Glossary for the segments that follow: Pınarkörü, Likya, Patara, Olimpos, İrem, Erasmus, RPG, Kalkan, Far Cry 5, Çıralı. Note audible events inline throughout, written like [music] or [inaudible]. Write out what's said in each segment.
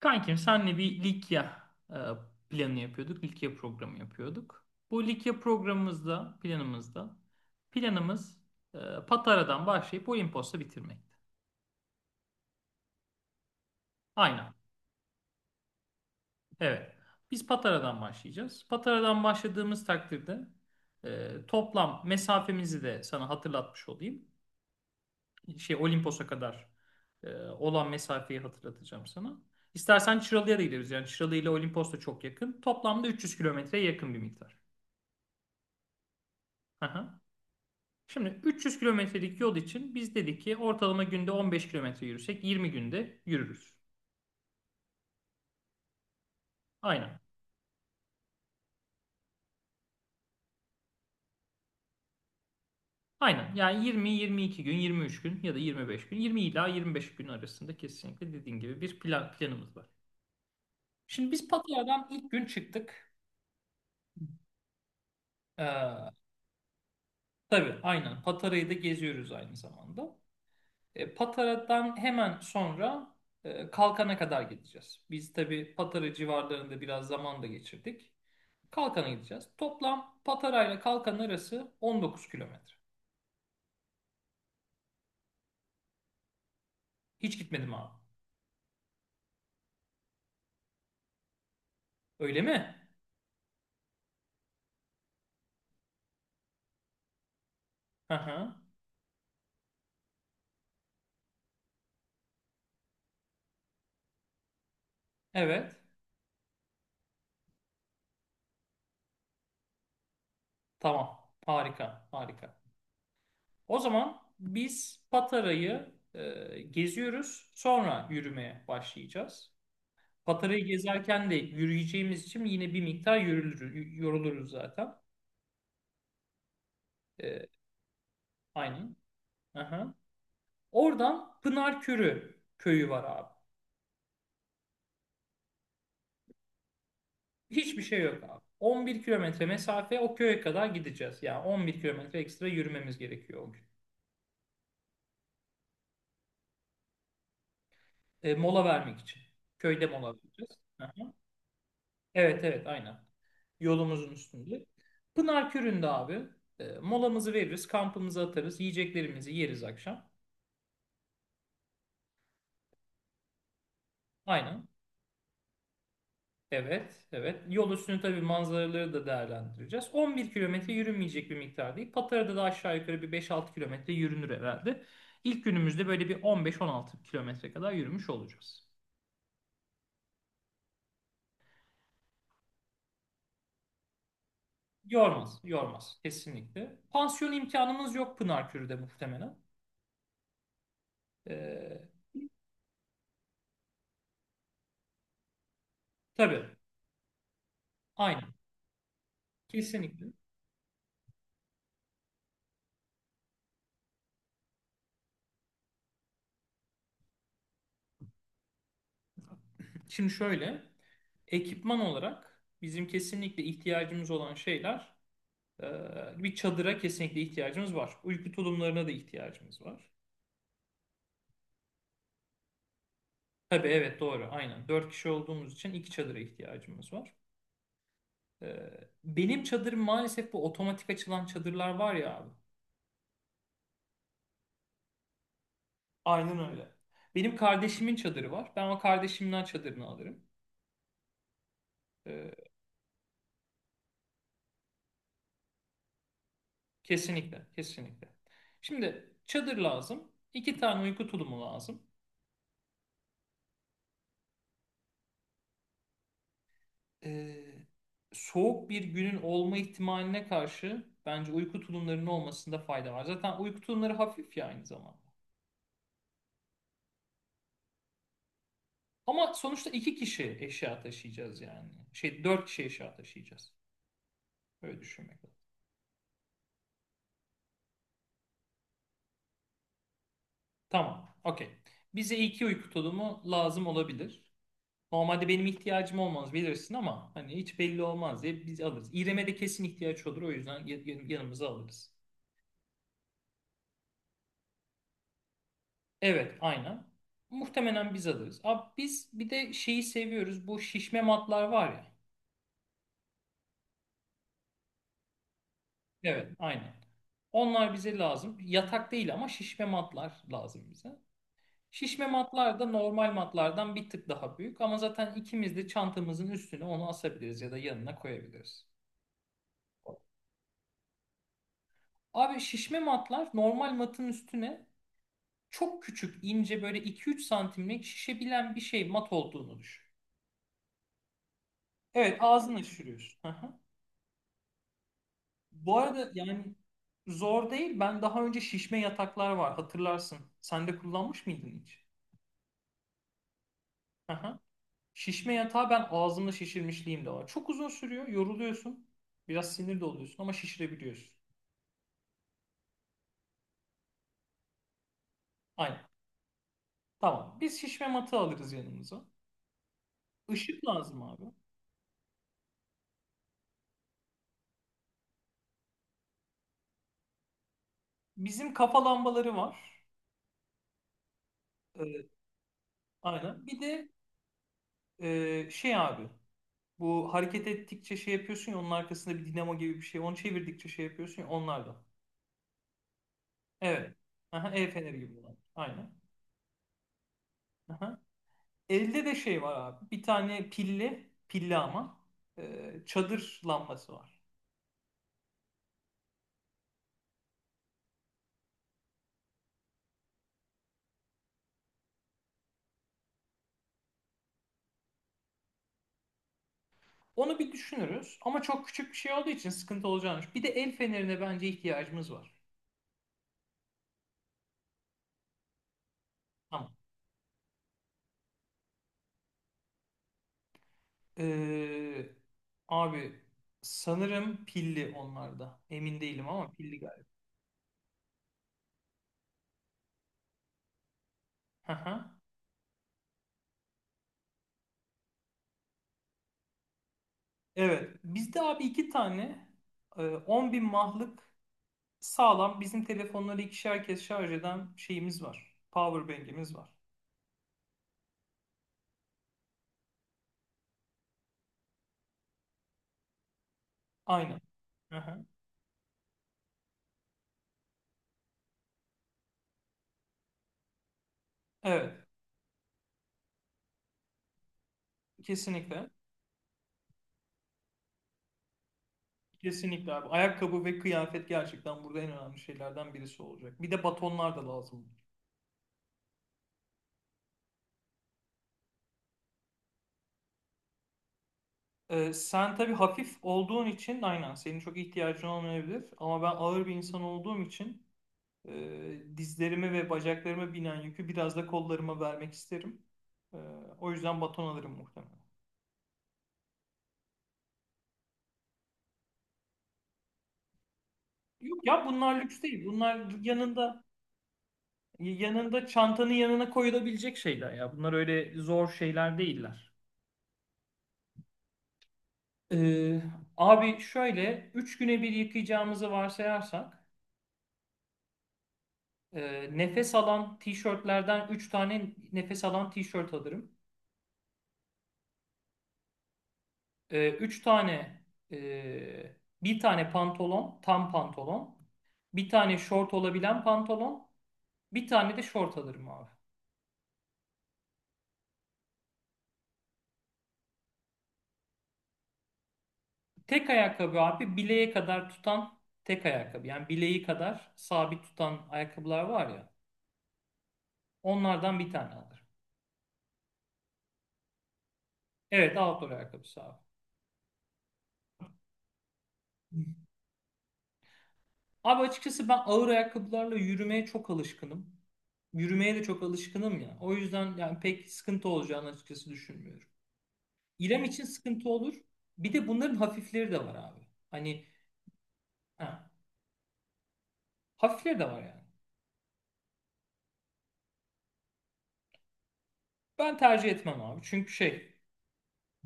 Kankim, senle bir Likya planı yapıyorduk. Likya programı yapıyorduk. Bu Likya programımızda, planımızda, planımız e, Patara'dan başlayıp Olimpos'ta bitirmekti. Aynen. Evet. Biz Patara'dan başlayacağız. Patara'dan başladığımız takdirde toplam mesafemizi de sana hatırlatmış olayım. Şey Olimpos'a kadar olan mesafeyi hatırlatacağım sana. İstersen Çıralı'ya da gideriz. Yani Çıralı ile Olimpos da çok yakın. Toplamda 300 kilometreye yakın bir miktar. Aha. Şimdi 300 kilometrelik yol için biz dedik ki ortalama günde 15 kilometre yürüsek 20 günde yürürüz. Aynen. Aynen. Yani 20-22 gün, 23 gün ya da 25 gün, 20 ila 25 gün arasında kesinlikle dediğin gibi bir plan, planımız var. Şimdi biz Patara'dan ilk gün çıktık. Ee, tabii, aynen. Patara'yı da geziyoruz aynı zamanda. Patara'dan hemen sonra Kalkan'a kadar gideceğiz. Biz tabii Patara civarlarında biraz zaman da geçirdik. Kalkan'a gideceğiz. Toplam Patara ile Kalkan arası 19 kilometre. Hiç gitmedim abi. Öyle mi? Hı hı. Evet. Tamam. Harika. Harika. O zaman biz Patara'yı geziyoruz. Sonra yürümeye başlayacağız. Patara'yı gezerken de yürüyeceğimiz için yine bir miktar yürülür, yoruluruz zaten. E, aynen. Hı hı. Oradan Pınarkörü köyü var abi. Hiçbir şey yok abi. 11 kilometre mesafe o köye kadar gideceğiz. Yani 11 kilometre ekstra yürümemiz gerekiyor o gün. Mola vermek için. Köyde mola vereceğiz. Aha. Evet, evet, aynen. Yolumuzun üstünde. Pınar Kürü'nde abi, molamızı veririz, kampımızı atarız, yiyeceklerimizi yeriz akşam. Aynen. Evet, evet. Yol üstünü tabii manzaraları da değerlendireceğiz. 11 kilometre yürünmeyecek bir miktar değil. Patara'da da aşağı yukarı bir 5-6 kilometre yürünür herhalde. İlk günümüzde böyle bir 15-16 kilometre kadar yürümüş olacağız. Yormaz, yormaz kesinlikle. Pansiyon imkanımız yok Pınarkürü'de muhtemelen. Ee, tabii, aynen. Kesinlikle. Şimdi şöyle, ekipman olarak bizim kesinlikle ihtiyacımız olan şeyler... Ee, Bir çadıra kesinlikle ihtiyacımız var. Uyku tulumlarına da ihtiyacımız var. Tabii, evet, doğru, aynen. Dört kişi olduğumuz için iki çadıra ihtiyacımız var. Ee, Benim çadırım maalesef, bu otomatik açılan çadırlar var ya abi. Aynen öyle. Benim kardeşimin çadırı var. Ben o kardeşimden çadırını alırım. Ee, Kesinlikle, kesinlikle. Şimdi çadır lazım. İki tane uyku tulumu lazım. e, Soğuk bir günün olma ihtimaline karşı bence uyku tulumlarının olmasında fayda var. Zaten uyku tulumları hafif ya aynı zamanda. Ama sonuçta iki kişi eşya taşıyacağız yani. Şey, dört kişi eşya taşıyacağız. Öyle düşünmek lazım. Tamam. Okey. Bize iki uyku tulumu lazım olabilir. Normalde benim ihtiyacım olmaz bilirsin ama hani hiç belli olmaz diye biz alırız. İrem'e de kesin ihtiyaç olur o yüzden yanımıza alırız. Evet, aynen. Muhtemelen biz alırız. Abi biz bir de şeyi seviyoruz. Bu şişme matlar var ya. Evet, aynen. Onlar bize lazım. Yatak değil ama şişme matlar lazım bize. Şişme matlar da normal matlardan bir tık daha büyük ama zaten ikimiz de çantamızın üstüne onu asabiliriz ya da yanına koyabiliriz. Abi şişme matlar normal matın üstüne çok küçük, ince, böyle 2-3 santimlik şişebilen bir şey mat olduğunu düşün. Evet, ağzını şişiriyorsun. Bu arada yani zor değil. Ben daha önce şişme yataklar var hatırlarsın. Sen de kullanmış mıydın hiç? Aha. Şişme yatağı ben ağzımla şişirmişliğim de var. Çok uzun sürüyor, yoruluyorsun. Biraz sinir de oluyorsun ama şişirebiliyorsun. Aynen. Tamam. Biz şişme matı alırız yanımıza. Işık lazım abi. Bizim kafa lambaları var. Ee, aynen. Bir de şey abi, bu hareket ettikçe şey yapıyorsun ya, onun arkasında bir dinamo gibi bir şey. Onu çevirdikçe şey yapıyorsun ya, onlar da. Evet. Aha, el feneri gibi olan. Aynen. Aha. Elde de şey var abi. Bir tane pilli, pilli ama çadır lambası var. Onu bir düşünürüz ama çok küçük bir şey olduğu için sıkıntı olacağını. Bir de el fenerine bence ihtiyacımız var. Tamam. Ee, Abi, sanırım pilli onlarda. Emin değilim ama pilli galiba. Aha. Evet. Bizde abi iki tane 10 bin mahlık sağlam bizim telefonları ikişer kez şarj eden şeyimiz var. Power bank'imiz var. Aynen. Aha. Evet. Kesinlikle. Kesinlikle abi. Ayakkabı ve kıyafet gerçekten burada en önemli şeylerden birisi olacak. Bir de batonlar da lazım. Sen tabii hafif olduğun için aynen senin çok ihtiyacın olmayabilir. Ama ben ağır bir insan olduğum için dizlerime ve bacaklarıma binen yükü biraz da kollarıma vermek isterim. Ee, O yüzden baton alırım muhtemelen. Yok ya, bunlar lüks değil. Bunlar yanında... Yanında, çantanın yanına koyulabilecek şeyler ya. Bunlar öyle zor şeyler değiller. Ee, Abi şöyle, 3 güne bir yıkayacağımızı varsayarsak nefes alan tişörtlerden 3 tane nefes alan tişört alırım. E, 3 tane e, Bir tane pantolon, tam pantolon. Bir tane şort olabilen pantolon. Bir tane de şort alırım abi. Tek ayakkabı abi, bileğe kadar tutan tek ayakkabı. Yani bileği kadar sabit tutan ayakkabılar var ya. Onlardan bir tane alırım. Evet, outdoor ayakkabısı abi. Abi açıkçası ben ağır ayakkabılarla yürümeye çok alışkınım. Yürümeye de çok alışkınım ya. O yüzden yani pek sıkıntı olacağını açıkçası düşünmüyorum. İrem için sıkıntı olur. Bir de bunların hafifleri de var abi. Hani, ha, hafifleri de var yani. Ben tercih etmem abi. Çünkü şey,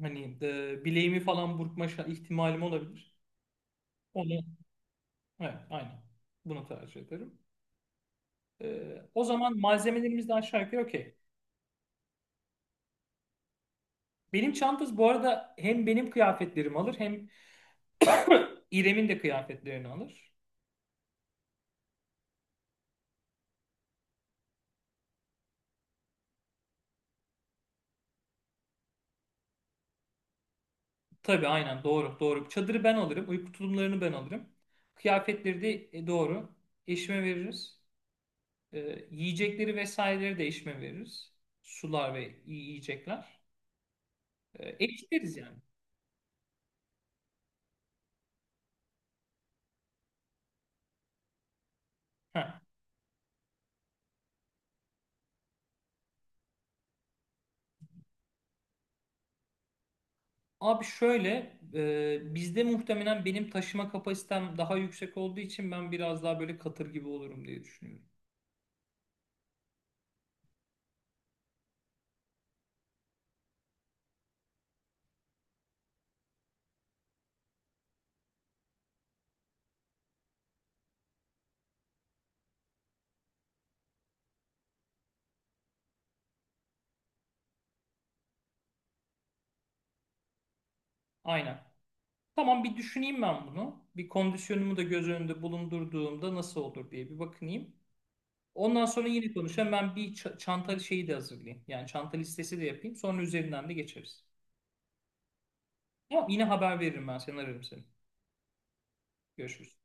hani bileğimi falan burkma ihtimalim olabilir. Onu, evet, aynen. Bunu tercih ederim. E, O zaman malzemelerimiz de aşağı yukarı okey. Benim çantası bu arada hem benim kıyafetlerimi alır hem [clears throat] İrem'in de kıyafetlerini alır. Tabii, aynen, doğru, doğru. Çadırı ben alırım. Uyku tulumlarını ben alırım. Kıyafetleri de doğru. Eşime veririz. E, Yiyecekleri vesaireleri de eşime veririz. Sular ve yiyecekler. Eşleriz yani. Heh. Abi şöyle, bizde muhtemelen benim taşıma kapasitem daha yüksek olduğu için ben biraz daha böyle katır gibi olurum diye düşünüyorum. Aynen. Tamam, bir düşüneyim ben bunu. Bir kondisyonumu da göz önünde bulundurduğumda nasıl olur diye bir bakınayım. Ondan sonra yine konuşalım. Ben bir çanta şeyi de hazırlayayım. Yani çanta listesi de yapayım. Sonra üzerinden de geçeriz. Tamam, yine haber veririm ben. Seni ararım seni. Görüşürüz.